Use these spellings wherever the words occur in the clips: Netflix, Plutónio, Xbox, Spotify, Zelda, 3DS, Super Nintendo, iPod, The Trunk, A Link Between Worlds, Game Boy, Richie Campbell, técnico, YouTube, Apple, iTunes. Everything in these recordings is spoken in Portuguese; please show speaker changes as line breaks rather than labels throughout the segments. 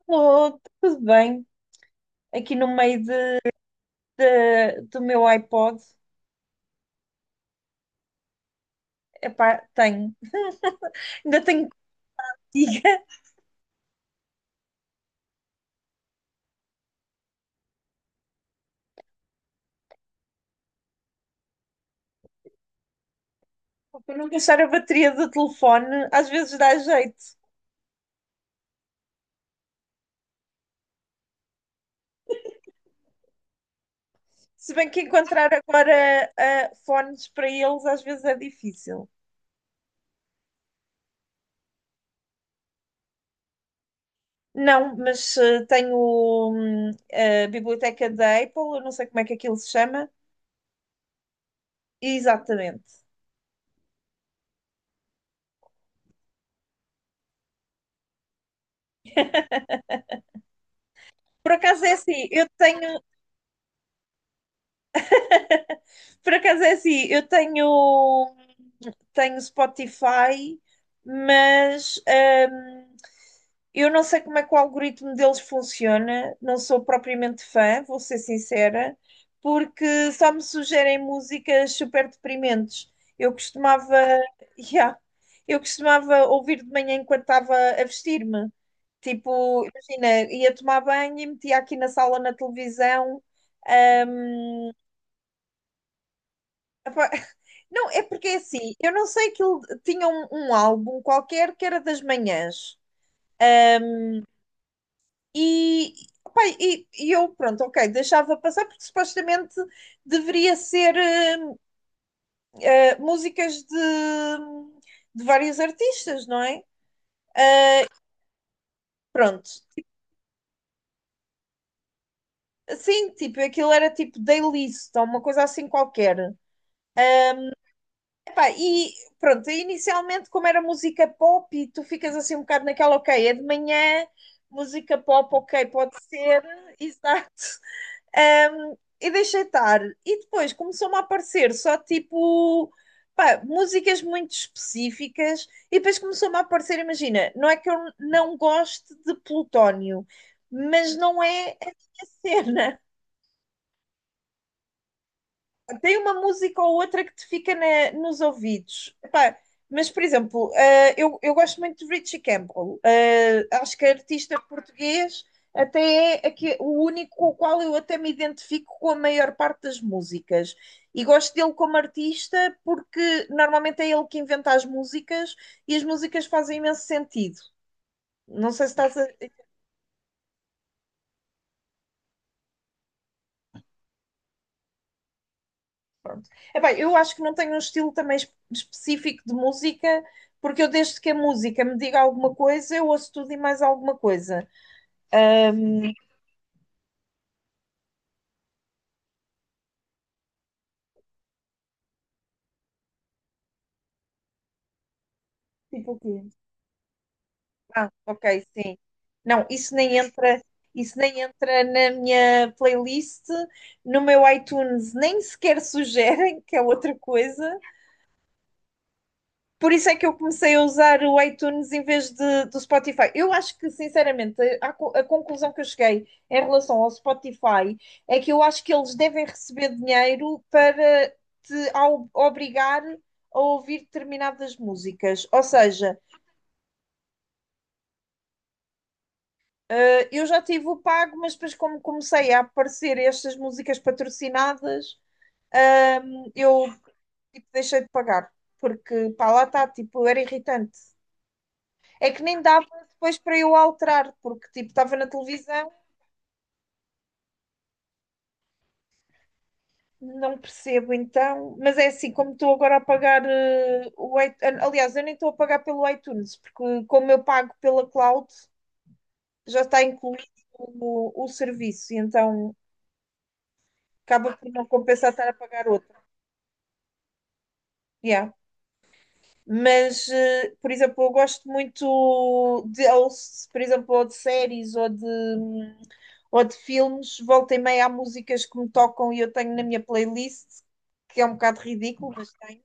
Estou tudo bem. Aqui no meio do meu iPod, epá, tenho. Ainda tenho contigo. Para não gastar a bateria do telefone, às vezes dá jeito. Se bem que encontrar agora fones para eles, às vezes é difícil. Não, mas tenho hum, a biblioteca da Apple. Eu não sei como é que aquilo se chama. Exatamente. Por acaso é assim, eu tenho. Por acaso é assim, eu tenho. Tenho Spotify, mas eu não sei como é que o algoritmo deles funciona, não sou propriamente fã, vou ser sincera, porque só me sugerem músicas super deprimentes. Eu costumava, yeah, eu costumava ouvir de manhã enquanto estava a vestir-me. Tipo, imagina, ia tomar banho e metia aqui na sala na televisão. hum, Epá, não, é porque é assim, eu não sei que ele tinha um álbum qualquer que era das manhãs. E, pá, e eu, pronto, ok, deixava passar porque supostamente deveria ser músicas de vários artistas, não é? Pronto, assim, tipo, aquilo era tipo daily list ou uma coisa assim qualquer. Epá, e pronto, e inicialmente, como era música pop, e tu ficas assim um bocado naquela, ok, é de manhã, música pop, ok, pode ser, exato. E deixei estar. E depois começou-me a aparecer só tipo. Pá, músicas muito específicas, e depois começou-me a aparecer. Imagina, não é que eu não goste de Plutónio, mas não é a minha cena. Tem uma música ou outra que te fica nos ouvidos. Epá, mas, por exemplo, eu gosto muito de Richie Campbell. Acho que é artista português, até é aqui o único com o qual eu até me identifico com a maior parte das músicas. E gosto dele como artista porque normalmente é ele que inventa as músicas e as músicas fazem imenso sentido. Não sei se estás a, epá, eu acho que não tenho um estilo também específico de música, porque eu desde que a música me diga alguma coisa, eu ouço tudo e mais alguma coisa. Tipo o quê? Ah, ok, sim. Não, isso nem entra na minha playlist, no meu iTunes nem sequer sugerem, que é outra coisa. Por isso é que eu comecei a usar o iTunes em vez do Spotify. Eu acho que, sinceramente, a conclusão que eu cheguei em relação ao Spotify é que eu acho que eles devem receber dinheiro para te obrigar a ouvir determinadas músicas. Ou seja, eu já tive o pago, mas depois, como comecei a aparecer estas músicas patrocinadas, eu tipo, deixei de pagar. Porque, pá, lá está, tipo, era irritante. É que nem dava depois para eu alterar, porque tipo, estava na televisão, não percebo então, mas é assim, como estou agora a pagar o iTunes, aliás, eu nem estou a pagar pelo iTunes, porque como eu pago pela cloud, já está incluído o serviço, e então acaba por não compensar estar a pagar outro. Yeah. Mas, por exemplo, eu gosto muito de, ou, por exemplo, ou de séries ou de filmes, volta e meia há músicas que me tocam e eu tenho na minha playlist, que é um bocado ridículo, mas tenho.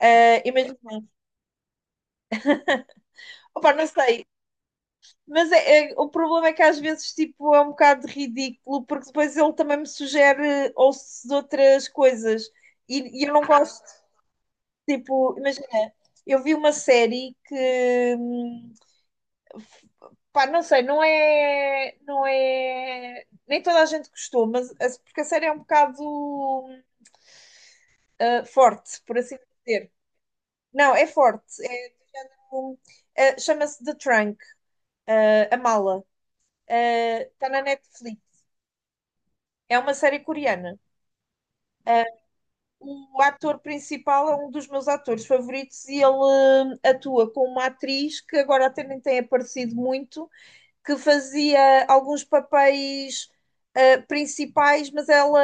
Imagina, opa, não sei, mas o problema é que às vezes tipo, é um bocado ridículo, porque depois ele também me sugere ou de outras coisas e eu não gosto, tipo, imagina, eu vi uma série que. Pá, não sei, não é, nem toda a gente gostou, mas porque a série é um bocado forte, por assim dizer. Não, é forte. É um- chama-se The Trunk, a mala. Está na Netflix. É uma série coreana. O ator principal é um dos meus atores favoritos e ele atua com uma atriz que agora até nem tem aparecido muito, que fazia alguns papéis principais, mas ela,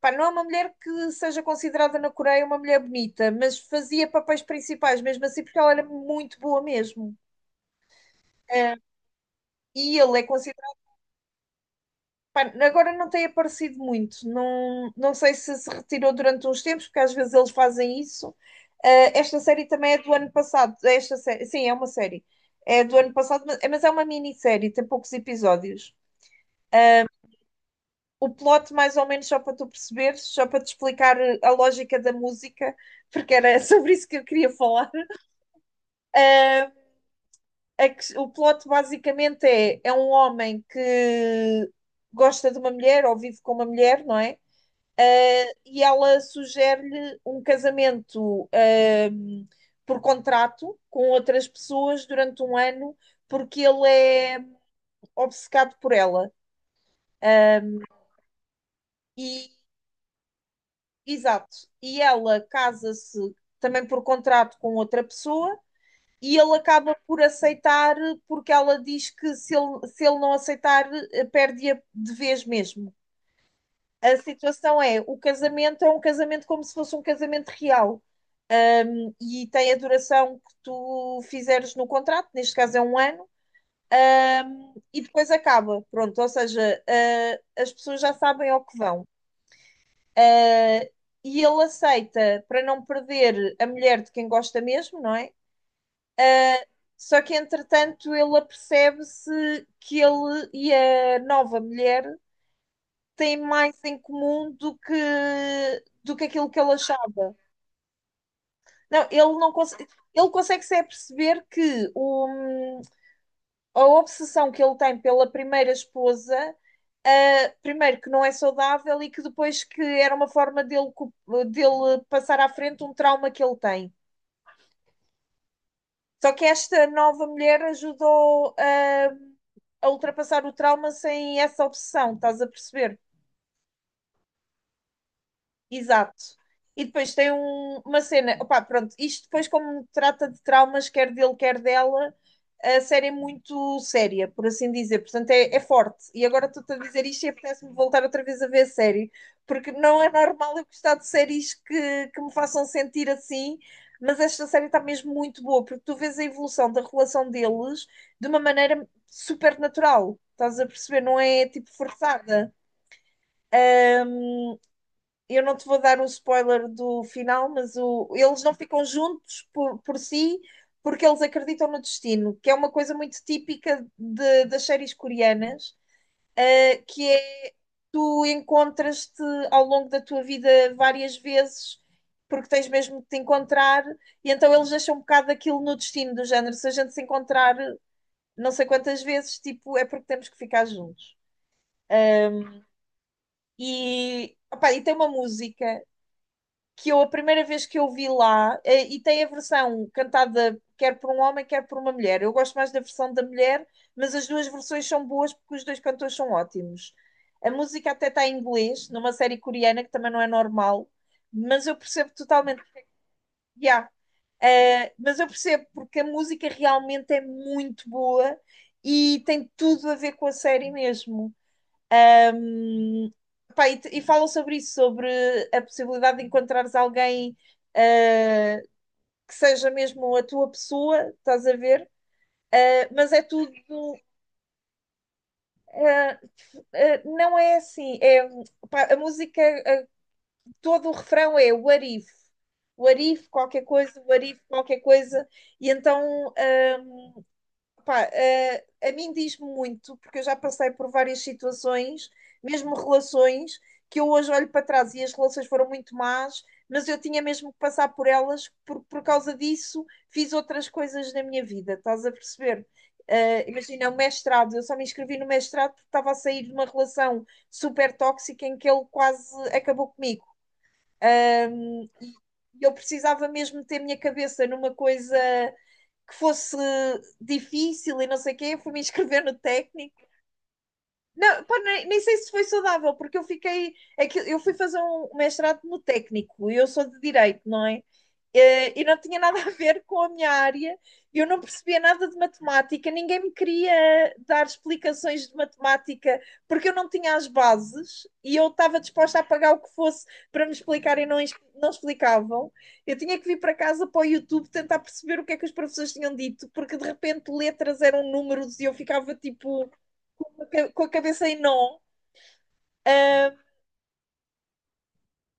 pá, não é uma mulher que seja considerada na Coreia uma mulher bonita, mas fazia papéis principais mesmo assim, porque ela era muito boa mesmo. Uh, e ele é considerado. Pá, agora não tem aparecido muito, não, não sei se se retirou durante uns tempos, porque às vezes eles fazem isso. Esta série também é do ano passado. Esta série, sim, é uma série. É do ano passado, mas é uma minissérie, tem poucos episódios. O plot, mais ou menos, só para tu perceberes, só para te explicar a lógica da música, porque era sobre isso que eu queria falar. É que o plot basicamente é um homem que gosta de uma mulher ou vive com uma mulher, não é? E ela sugere-lhe um casamento, um, por contrato com outras pessoas durante um ano, porque ele é obcecado por ela. E Exato. E ela casa-se também por contrato com outra pessoa e ele acaba por aceitar porque ela diz que se ele não aceitar, perde-a de vez mesmo. A situação é, o casamento é um casamento como se fosse um casamento real e tem a duração que tu fizeres no contrato, neste caso é um ano, e depois acaba, pronto, ou seja, as pessoas já sabem ao que vão. Uh, e ele aceita para não perder a mulher de quem gosta mesmo, não é? Só que entretanto ele apercebe-se que ele e a nova mulher têm mais em comum do que aquilo que ele achava. Não, ele não consegue, ele consegue se aperceber que a obsessão que ele tem pela primeira esposa, primeiro que não é saudável e que depois que era uma forma dele passar à frente um trauma que ele tem. Só que esta nova mulher ajudou a ultrapassar o trauma sem essa obsessão, estás a perceber? Exato. E depois tem uma cena. Opá, pronto, isto depois, como trata de traumas, quer dele, quer dela, a série é muito séria, por assim dizer. Portanto, é forte. E agora estou-te a dizer isto e apetece-me voltar outra vez a ver a série, porque não é normal eu gostar de séries que me façam sentir assim, mas esta série está mesmo muito boa, porque tu vês a evolução da relação deles de uma maneira super natural. Estás a perceber? Não é tipo forçada. Eu não te vou dar o spoiler do final, mas eles não ficam juntos por si, porque eles acreditam no destino, que é uma coisa muito típica das séries coreanas, que é, tu encontras-te ao longo da tua vida várias vezes porque tens mesmo de te encontrar, e então eles deixam um bocado aquilo no destino do género. Se a gente se encontrar não sei quantas vezes, tipo, é porque temos que ficar juntos. Eh, Opá, e tem uma música que eu, a primeira vez que eu vi lá, e tem a versão cantada quer por um homem, quer por uma mulher. Eu gosto mais da versão da mulher, mas as duas versões são boas porque os dois cantores são ótimos. A música até está em inglês, numa série coreana que também não é normal, mas eu percebo totalmente. Yeah. Mas eu percebo porque a música realmente é muito boa e tem tudo a ver com a série mesmo. Um, Pá, e, e falam sobre isso, sobre a possibilidade de encontrares alguém ah, que seja mesmo a tua pessoa, estás a ver? Ah, mas é tudo. ah, não é assim. É, pá, a música, ah, todo o refrão é what if. What if, qualquer coisa, what if, qualquer coisa. E então. ah, Pá, a mim diz-me muito, porque eu já passei por várias situações, mesmo relações, que eu hoje olho para trás e as relações foram muito más, mas eu tinha mesmo que passar por elas, por causa disso fiz outras coisas na minha vida, estás a perceber? Imagina, o mestrado, eu só me inscrevi no mestrado porque estava a sair de uma relação super tóxica em que ele quase acabou comigo. E eu precisava mesmo ter minha cabeça numa coisa que fosse difícil e não sei o quê, fui me inscrever no técnico. Não, pá, nem sei se foi saudável, porque eu fiquei. É que eu fui fazer um mestrado no técnico e eu sou de direito, não é? E não tinha nada a ver com a minha área, eu não percebia nada de matemática, ninguém me queria dar explicações de matemática porque eu não tinha as bases e eu estava disposta a pagar o que fosse para me explicarem, não, não explicavam. Eu tinha que vir para casa para o YouTube tentar perceber o que é que os professores tinham dito, porque de repente letras eram números e eu ficava tipo com a cabeça em nó.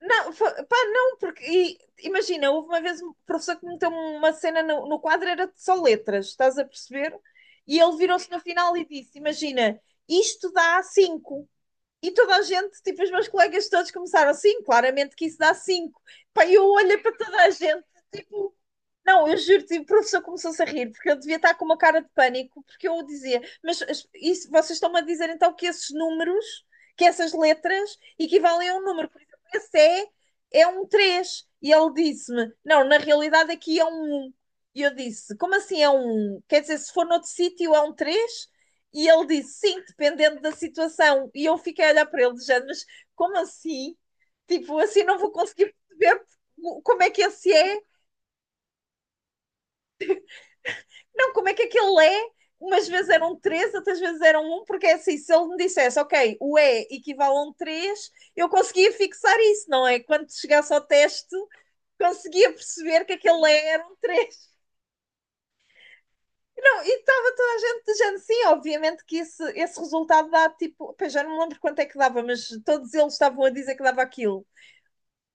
Não, pá, não, porque imagina, houve uma vez um professor que meteu uma cena no quadro, era só letras, estás a perceber? E ele virou-se no final e disse: "Imagina, isto dá cinco." E toda a gente, tipo, os meus colegas todos começaram assim, claramente que isso dá cinco. Pá, e eu olhei para toda a gente, tipo, não, eu juro-te, o professor começou-se a rir, porque ele devia estar com uma cara de pânico, porque eu o dizia, mas isso, vocês estão-me a dizer então que esses números, que essas letras equivalem a um número, por exemplo, é um 3? E ele disse-me, não, na realidade aqui é um 1, e eu disse, como assim é um 1? Quer dizer, se for noutro sítio é um 3? E ele disse, sim, dependendo da situação, e eu fiquei a olhar para ele, dizendo, mas como assim? Tipo, assim não vou conseguir perceber como é que esse é. Não, como é que aquele é? Umas vezes eram três, outras vezes eram um, porque é assim, se ele me dissesse, ok, o E equivale a um três, eu conseguia fixar isso, não é? Quando chegasse ao teste, conseguia perceber que aquele E era um três. Não, e estava toda a gente dizendo sim, obviamente que esse resultado dá tipo, pá, já não me lembro quanto é que dava, mas todos eles estavam a dizer que dava aquilo.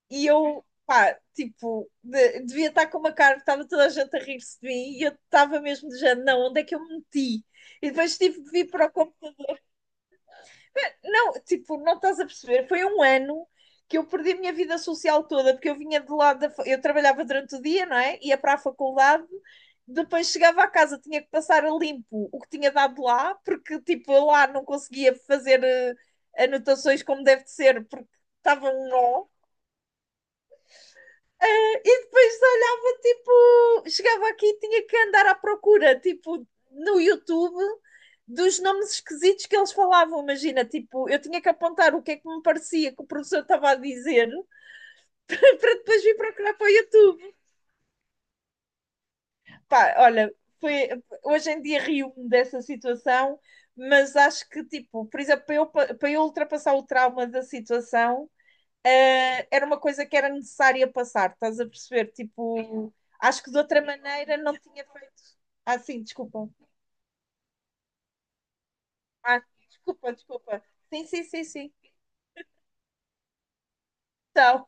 E eu, pá, tipo, devia estar com uma cara, estava toda a gente a rir-se de mim e eu estava mesmo de género, não, onde é que eu me meti? E depois tive de vir para o computador. Não, tipo, não estás a perceber, foi um ano que eu perdi a minha vida social toda, porque eu vinha de lado Eu trabalhava durante o dia, não é? Ia para a faculdade, depois chegava à casa, tinha que passar a limpo o que tinha dado lá, porque, tipo, eu lá não conseguia fazer anotações como deve de ser, porque estava um nó. E depois olhava, tipo, chegava aqui e tinha que andar à procura, tipo, no YouTube, dos nomes esquisitos que eles falavam. Imagina, tipo, eu tinha que apontar o que é que me parecia que o professor estava a dizer para depois vir procurar para o YouTube. Pá, olha, foi, hoje em dia rio-me dessa situação, mas acho que, tipo, por exemplo, para eu ultrapassar o trauma da situação, era uma coisa que era necessária passar, estás a perceber? Tipo, acho que de outra maneira não tinha feito. Ah, sim, desculpa. Ah, desculpa, desculpa. Sim, sim, sim, sim. Então,